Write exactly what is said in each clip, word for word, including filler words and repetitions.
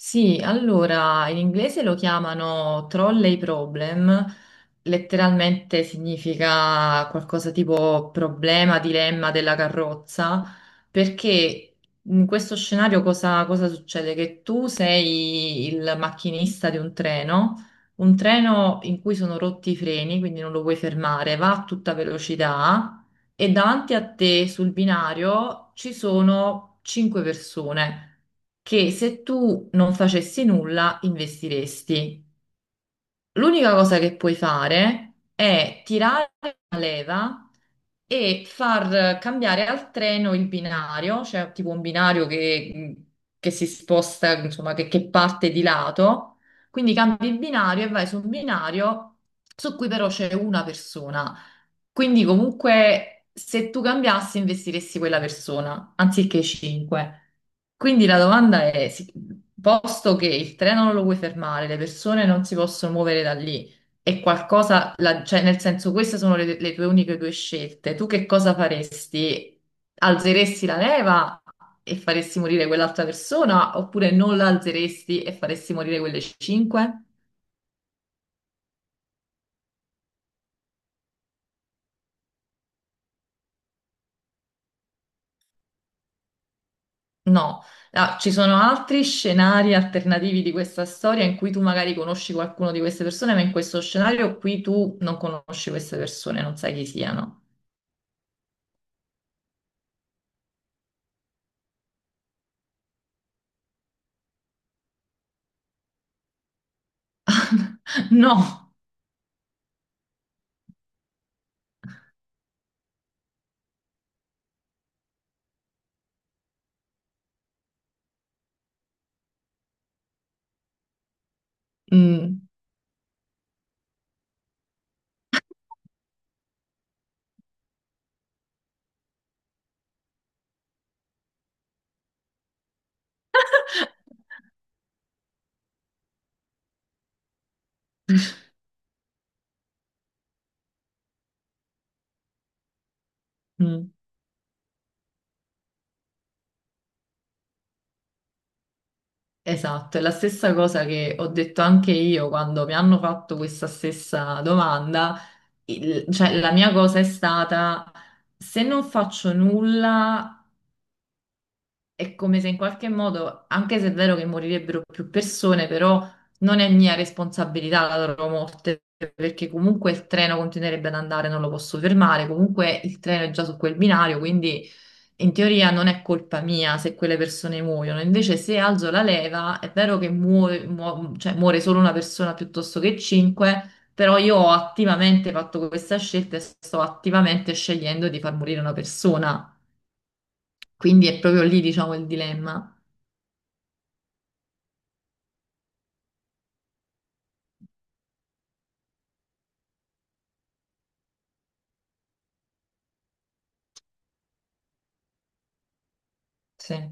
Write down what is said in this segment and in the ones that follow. Sì, allora in inglese lo chiamano trolley problem, letteralmente significa qualcosa tipo problema, dilemma della carrozza, perché in questo scenario cosa, cosa succede? Che tu sei il macchinista di un treno, un treno in cui sono rotti i freni, quindi non lo puoi fermare, va a tutta velocità e davanti a te sul binario ci sono cinque persone che se tu non facessi nulla investiresti. L'unica cosa che puoi fare è tirare la leva e far cambiare al treno il binario, cioè tipo un binario che, che si sposta, insomma, che, che parte di lato. Quindi cambi il binario e vai su un binario su cui però c'è una persona. Quindi comunque se tu cambiassi investiresti quella persona anziché cinque. Quindi la domanda è, sì, posto che il treno non lo puoi fermare, le persone non si possono muovere da lì, è qualcosa, la- cioè nel senso queste sono le, le tue uniche due scelte. Tu che cosa faresti? Alzeresti la leva e faresti morire quell'altra persona oppure non la alzeresti e faresti morire quelle cinque? No. Ah, ci sono altri scenari alternativi di questa storia in cui tu magari conosci qualcuno di queste persone, ma in questo scenario qui tu non conosci queste persone, non sai chi siano. No. Mm, mm. Esatto, è la stessa cosa che ho detto anche io quando mi hanno fatto questa stessa domanda. Il- cioè, la mia cosa è stata, se non faccio nulla, è come se in qualche modo, anche se è vero che morirebbero più persone, però non è mia responsabilità la loro morte, perché comunque il treno continuerebbe ad andare, non lo posso fermare, comunque il treno è già su quel binario, quindi in teoria non è colpa mia se quelle persone muoiono. Invece se alzo la leva, è vero che muore, muo- cioè, muore solo una persona piuttosto che cinque, però io ho attivamente fatto questa scelta e sto attivamente scegliendo di far morire una persona. Quindi è proprio lì, diciamo, il dilemma. Sì.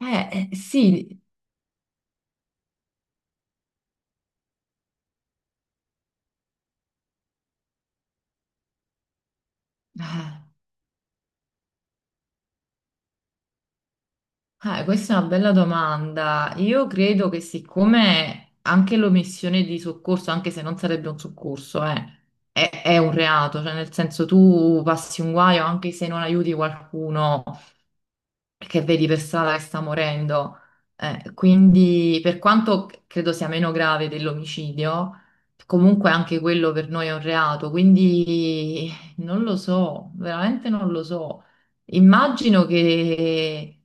Eh, eh, sì, Ah, eh, questa è una bella domanda. Io credo che siccome anche l'omissione di soccorso, anche se non sarebbe un soccorso, eh, è, è un reato, cioè nel senso tu passi un guaio anche se non aiuti qualcuno, che vedi per strada che sta morendo. Eh, quindi, per quanto credo sia meno grave dell'omicidio, comunque anche quello per noi è un reato. Quindi non lo so, veramente non lo so. Immagino che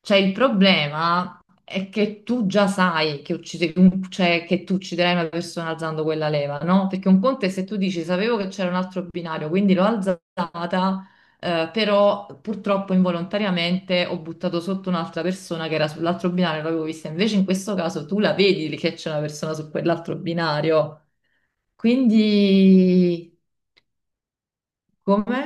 cioè, il problema è che tu già sai che, uccide- un- cioè, che tu ucciderai una persona alzando quella leva, no? Perché un conto è se tu dici sapevo che c'era un altro binario, quindi l'ho alzata. Eh, però purtroppo involontariamente ho buttato sotto un'altra persona che era sull'altro binario, l'avevo vista. Invece in questo caso tu la vedi che c'è una persona su quell'altro binario. Quindi, come?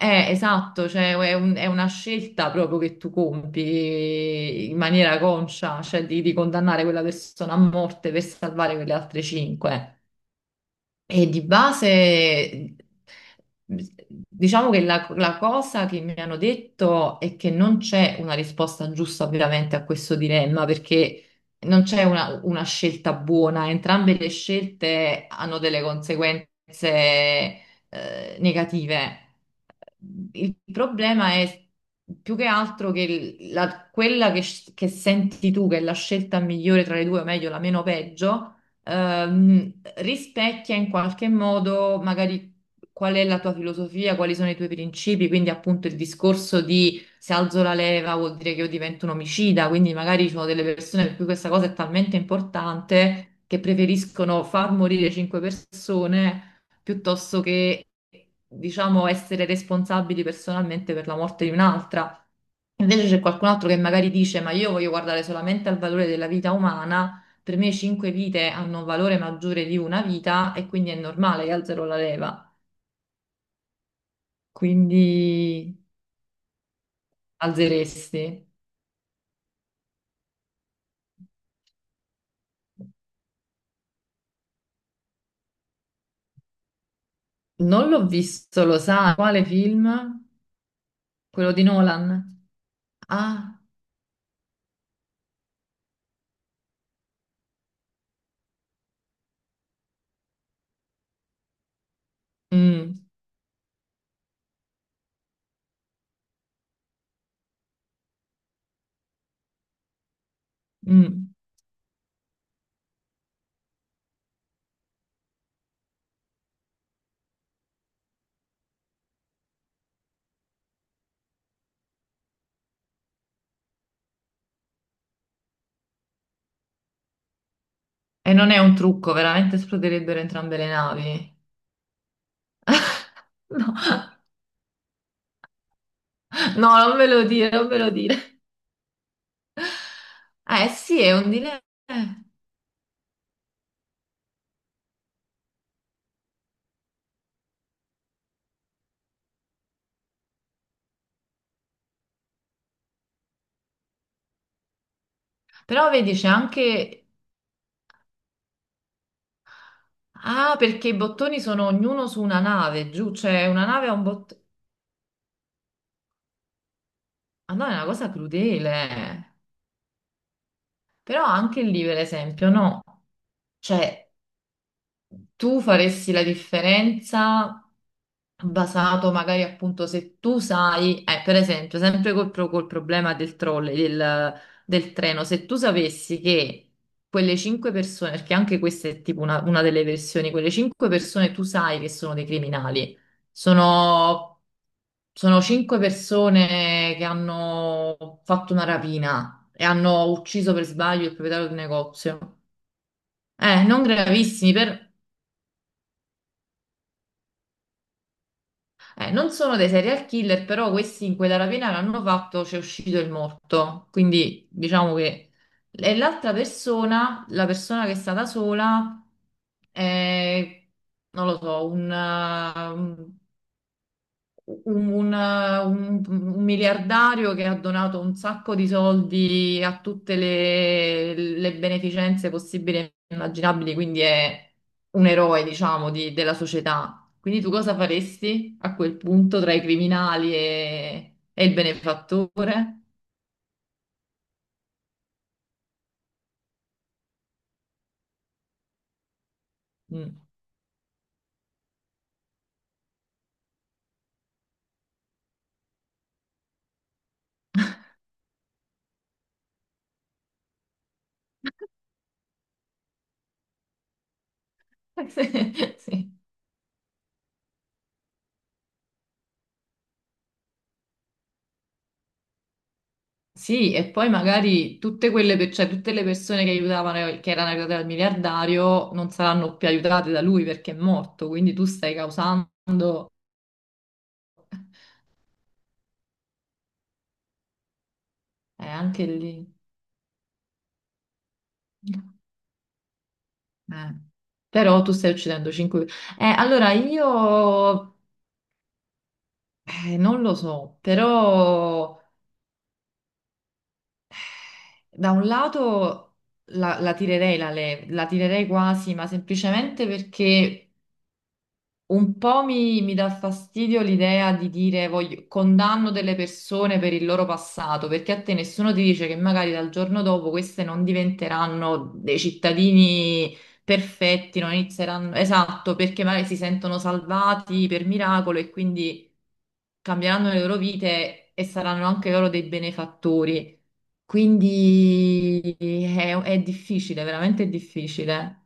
Eh, esatto, cioè è un- è una scelta proprio che tu compi in maniera conscia, cioè di, di condannare quella persona a morte per salvare quelle altre cinque. E di base, diciamo che la, la cosa che mi hanno detto è che non c'è una risposta giusta veramente a questo dilemma, perché non c'è una, una scelta buona, entrambe le scelte hanno delle conseguenze, eh, negative. Il problema è più che altro che il- la- quella che che senti tu, che è la scelta migliore tra le due, o meglio, la meno peggio ehm, rispecchia in qualche modo magari qual è la tua filosofia, quali sono i tuoi principi, quindi appunto il discorso di se alzo la leva vuol dire che io divento un omicida, quindi magari ci sono delle persone per cui questa cosa è talmente importante che preferiscono far morire cinque persone piuttosto che, diciamo, essere responsabili personalmente per la morte di un'altra. Invece c'è qualcun altro che magari dice: ma io voglio guardare solamente al valore della vita umana, per me cinque vite hanno un valore maggiore di una vita e quindi è normale che alzerò la leva. Quindi alzeresti. Non l'ho visto, lo sa, quale film? Quello di Nolan. Ah, mm, mm. E non è un trucco, veramente esploderebbero entrambe le navi. No, no, non ve lo dire, non ve lo dire. Eh sì, è un dilemma. Però vedi, c'è anche Ah, perché i bottoni sono ognuno su una nave, giù, cioè una nave ha un bottone. Ah no, è una cosa crudele. Però anche lì, per esempio, no. Cioè, tu faresti la differenza basato magari appunto se tu sai, eh, per esempio, sempre col, pro- col problema del trolley, del, del treno, se tu sapessi che quelle cinque persone, perché anche questa è tipo una, una delle versioni, quelle cinque persone tu sai che sono dei criminali, sono, sono cinque persone che hanno fatto una rapina e hanno ucciso per sbaglio il proprietario del negozio. Eh, non gravissimi, per Eh, non sono dei serial killer, però questi in quella rapina che hanno fatto c'è uscito il morto. Quindi diciamo che e l'altra persona, la persona che è stata sola, è, non lo so, un, un, un- un miliardario che ha donato un sacco di soldi a tutte le, le beneficenze possibili e immaginabili, quindi è un eroe, diciamo, di- della società. Quindi tu cosa faresti a quel punto tra i criminali e, e il benefattore? Mm. Sì. Sì, e poi magari tutte quelle, per- cioè, tutte le persone che aiutavano, che erano aiutate dal miliardario, non saranno più aiutate da lui perché è morto, quindi tu stai causando, eh, anche lì. Eh. Però tu stai uccidendo cinque. Eh, allora io eh, non lo so, però da un lato la, la tirerei la leva, la tirerei quasi, ma semplicemente perché un po' mi, mi dà fastidio l'idea di dire voglio, condanno delle persone per il loro passato, perché a te nessuno ti dice che magari dal giorno dopo queste non diventeranno dei cittadini perfetti, non inizieranno, esatto, perché magari si sentono salvati per miracolo e quindi cambieranno le loro vite e saranno anche loro dei benefattori. Quindi è, è difficile, veramente difficile.